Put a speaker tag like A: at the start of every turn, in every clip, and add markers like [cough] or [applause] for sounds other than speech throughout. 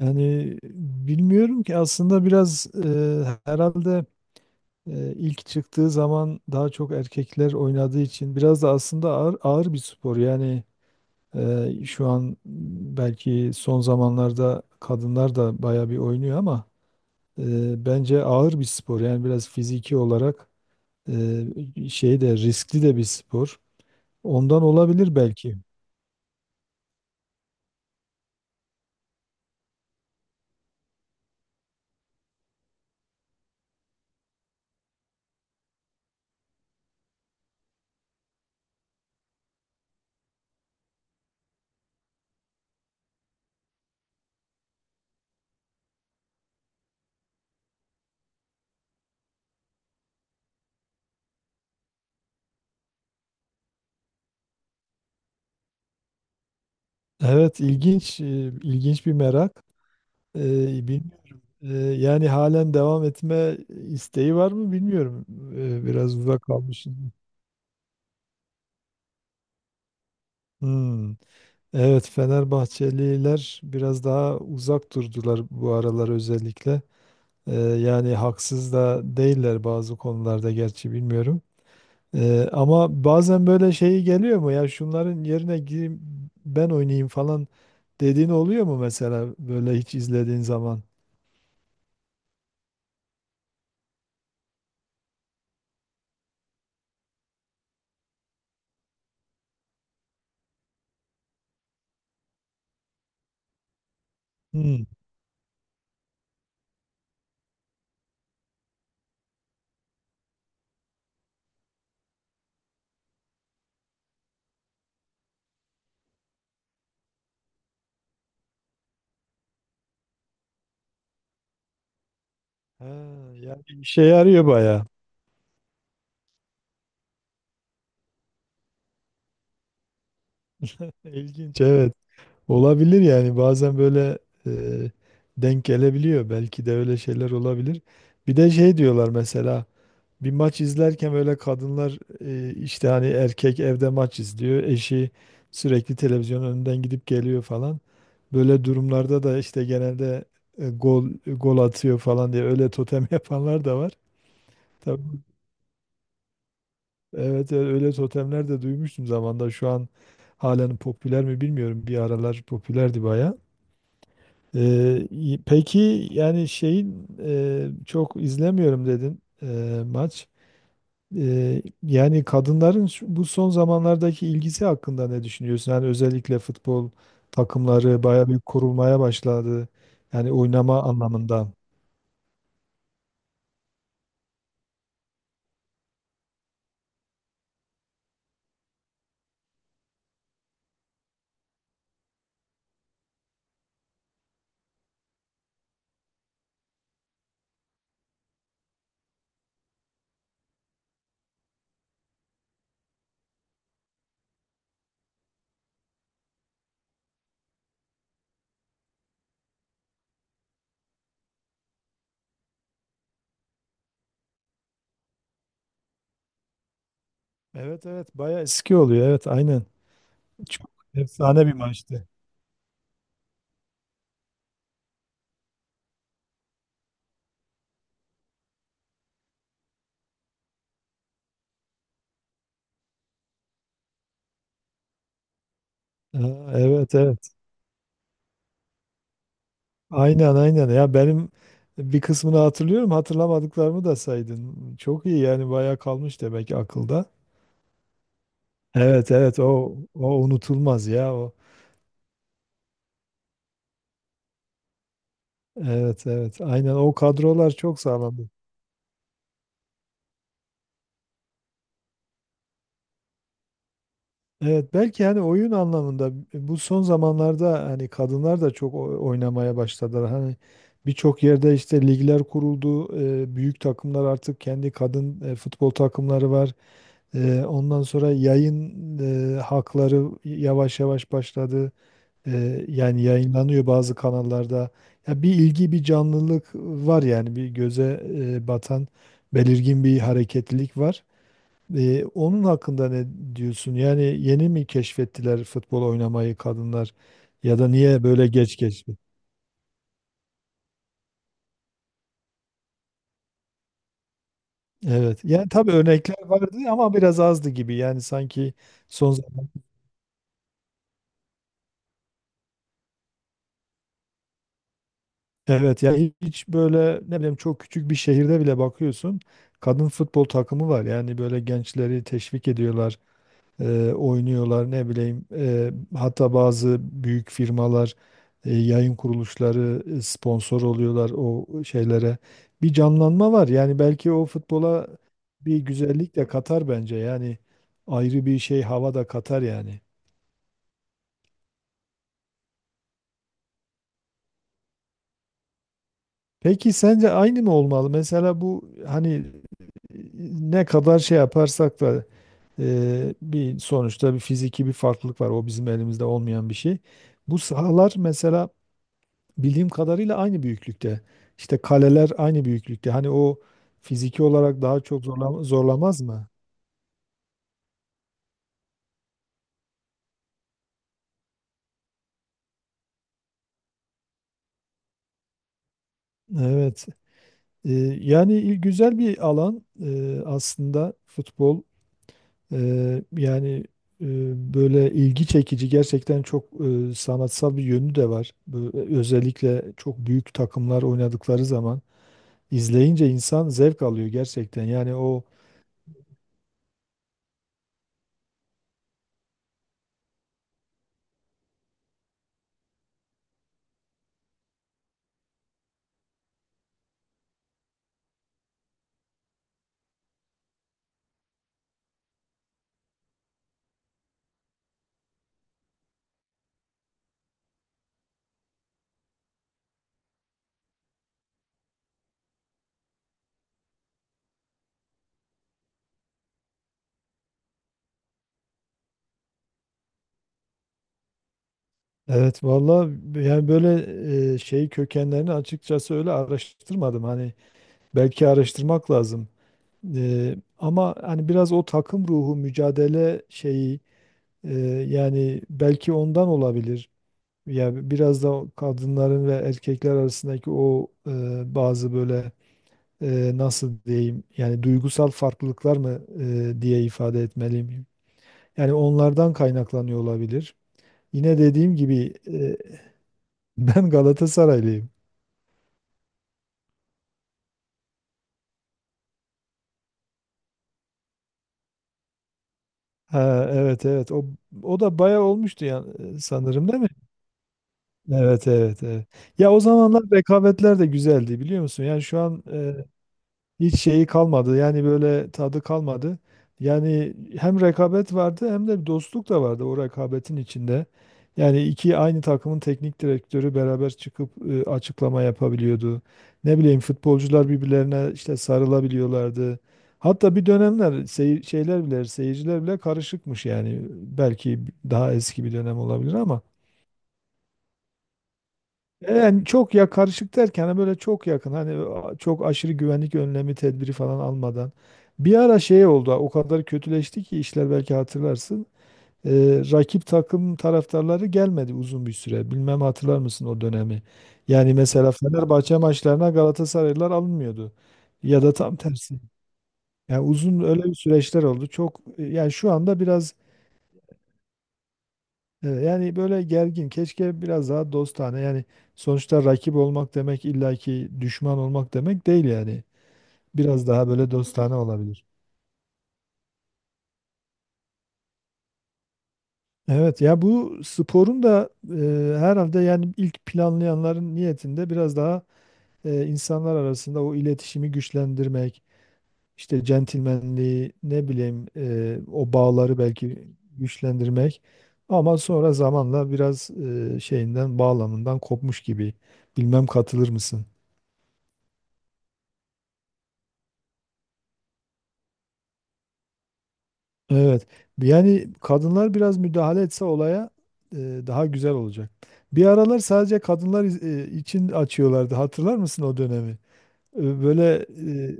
A: Yani bilmiyorum ki aslında biraz herhalde ilk çıktığı zaman daha çok erkekler oynadığı için biraz da aslında ağır, ağır bir spor. Yani şu an belki son zamanlarda kadınlar da bayağı bir oynuyor ama bence ağır bir spor. Yani biraz fiziki olarak şey de riskli de bir spor. Ondan olabilir belki. Evet, ilginç ilginç bir merak. Bilmiyorum. Yani halen devam etme isteği var mı bilmiyorum. Biraz uzak kalmışız. Hmm. Evet, Fenerbahçeliler biraz daha uzak durdular bu aralar özellikle. Yani haksız da değiller bazı konularda, gerçi bilmiyorum. Ama bazen böyle şeyi geliyor mu, ya şunların yerine gireyim ben oynayayım falan dediğin oluyor mu mesela, böyle hiç izlediğin zaman? Hmm. Ha, yani işe yarıyor bayağı. İlginç, evet. Olabilir yani, bazen böyle e, denk gelebiliyor. Belki de öyle şeyler olabilir. Bir de şey diyorlar mesela, bir maç izlerken böyle kadınlar işte hani erkek evde maç izliyor. Eşi sürekli televizyonun önünden gidip geliyor falan. Böyle durumlarda da işte genelde gol gol atıyor falan diye öyle totem [laughs] yapanlar da var. Tabii, evet evet, öyle totemler de duymuştum zamanda. Şu an halen popüler mi bilmiyorum. Bir aralar popülerdi bayağı. Peki yani şeyin çok izlemiyorum dedin maç. Yani kadınların bu son zamanlardaki ilgisi hakkında ne düşünüyorsun? Yani özellikle futbol takımları bayağı bir kurulmaya başladı. Yani oynama anlamında. Evet evet, bayağı eski oluyor. Evet, aynen. Çok efsane bir maçtı. Ha, evet evet. Aynen aynen. Ya benim bir kısmını hatırlıyorum. Hatırlamadıklarımı da saydın. Çok iyi yani, bayağı kalmış demek ki akılda. Evet evet, o o unutulmaz ya o. Evet evet, aynen, o kadrolar çok sağlamdı. Evet, belki hani oyun anlamında bu son zamanlarda hani kadınlar da çok oynamaya başladılar. Hani birçok yerde işte ligler kuruldu. Büyük takımlar artık kendi kadın futbol takımları var. Ondan sonra yayın hakları yavaş yavaş başladı. Yani yayınlanıyor bazı kanallarda. Ya bir ilgi, bir canlılık var yani, bir göze batan belirgin bir hareketlilik var. Onun hakkında ne diyorsun? Yani yeni mi keşfettiler futbol oynamayı kadınlar, ya da niye böyle geç keşfet? Evet. Yani tabii örnekler vardı ama biraz azdı gibi. Yani sanki son zaman, evet, yani hiç böyle ne bileyim çok küçük bir şehirde bile bakıyorsun kadın futbol takımı var. Yani böyle gençleri teşvik ediyorlar, oynuyorlar, ne bileyim, hatta bazı büyük firmalar, yayın kuruluşları sponsor oluyorlar o şeylere, bir canlanma var yani. Belki o futbola bir güzellik de katar bence, yani ayrı bir şey, hava da katar yani. Peki sence aynı mı olmalı? Mesela bu hani e, ne kadar şey yaparsak da bir sonuçta bir fiziki bir farklılık var. O bizim elimizde olmayan bir şey. Bu sahalar mesela bildiğim kadarıyla aynı büyüklükte. İşte kaleler aynı büyüklükte. Hani o fiziki olarak daha çok zorlamaz mı? Evet. Ee, yani, güzel bir alan aslında futbol. Yani e, böyle ilgi çekici, gerçekten çok sanatsal bir yönü de var. Böyle özellikle çok büyük takımlar oynadıkları zaman izleyince insan zevk alıyor gerçekten. Yani o. Evet valla, yani böyle şey kökenlerini açıkçası öyle araştırmadım. Hani belki araştırmak lazım. Ama hani biraz o takım ruhu, mücadele şeyi, e, yani belki ondan olabilir. Yani biraz da kadınların ve erkekler arasındaki o bazı böyle nasıl diyeyim yani, duygusal farklılıklar mı diye ifade etmeliyim. Yani onlardan kaynaklanıyor olabilir. Yine dediğim gibi [laughs] ben Galatasaraylıyım. Ha, evet evet, o o da bayağı olmuştu ya, sanırım, değil mi? Evet evet evet. Ya o zamanlar rekabetler de güzeldi, biliyor musun? Yani şu an hiç şeyi kalmadı. Yani böyle tadı kalmadı. Yani hem rekabet vardı hem de bir dostluk da vardı o rekabetin içinde. Yani iki aynı takımın teknik direktörü beraber çıkıp açıklama yapabiliyordu. Ne bileyim, futbolcular birbirlerine işte sarılabiliyorlardı. Hatta bir dönemler şeyler bile, seyirciler bile karışıkmış yani. Belki daha eski bir dönem olabilir ama, yani çok, ya karışık derken hani böyle çok yakın, hani çok aşırı güvenlik önlemi, tedbiri falan almadan. Bir ara şey oldu, o kadar kötüleşti ki işler, belki hatırlarsın. Rakip takım taraftarları gelmedi uzun bir süre. Bilmem hatırlar mısın o dönemi? Yani mesela Fenerbahçe maçlarına Galatasaraylılar alınmıyordu. Ya da tam tersi. Yani uzun öyle bir süreçler oldu. Çok, yani şu anda biraz. Evet, yani böyle gergin. Keşke biraz daha dostane. Yani sonuçta rakip olmak demek illaki düşman olmak demek değil yani. Biraz daha böyle dostane olabilir. Evet ya, bu sporun da herhalde yani ilk planlayanların niyetinde biraz daha insanlar arasında o iletişimi güçlendirmek, işte centilmenliği, ne bileyim, o bağları belki güçlendirmek, ama sonra zamanla biraz şeyinden, bağlamından kopmuş gibi. Bilmem katılır mısın? Evet. Yani kadınlar biraz müdahale etse olaya e, daha güzel olacak. Bir aralar sadece kadınlar için açıyorlardı. Hatırlar mısın o dönemi? Böyle e,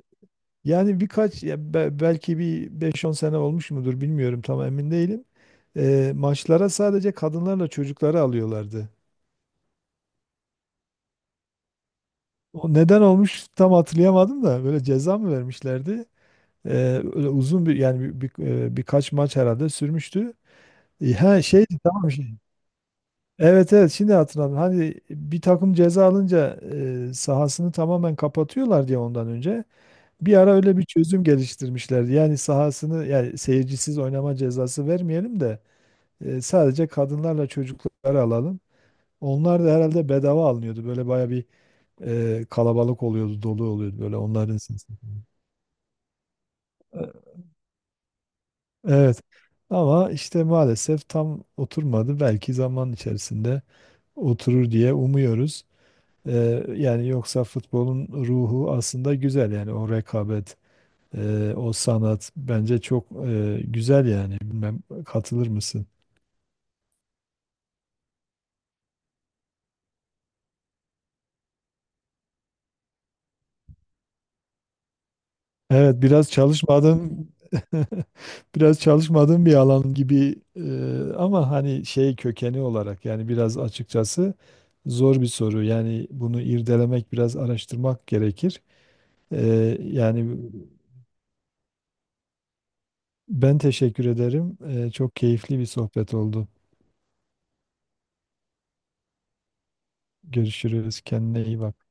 A: yani birkaç, ya belki bir beş on sene olmuş mudur bilmiyorum, tam emin değilim. Maçlara sadece kadınlarla çocukları alıyorlardı. O neden olmuş tam hatırlayamadım da, böyle ceza mı vermişlerdi? E, öyle uzun bir, yani birkaç maç herhalde sürmüştü. Ha, şey, tamam şey. Evet evet, şimdi hatırladım. Hani bir takım ceza alınca sahasını tamamen kapatıyorlar diye, ondan önce bir ara öyle bir çözüm geliştirmişlerdi. Yani sahasını, yani seyircisiz oynama cezası vermeyelim de sadece kadınlarla çocukları alalım. Onlar da herhalde bedava alınıyordu. Böyle baya bir kalabalık oluyordu, dolu oluyordu böyle, onların sesi. E, Evet. Ama işte maalesef tam oturmadı. Belki zaman içerisinde oturur diye umuyoruz. Yani yoksa futbolun ruhu aslında güzel yani, o rekabet, o sanat bence çok güzel yani. Bilmem katılır mısın? Evet, biraz çalışmadım. [laughs] Biraz çalışmadığım bir alan gibi ama hani şey, kökeni olarak yani biraz açıkçası zor bir soru. Yani bunu irdelemek, biraz araştırmak gerekir. E, yani ben teşekkür ederim. Çok keyifli bir sohbet oldu. Görüşürüz. Kendine iyi bak.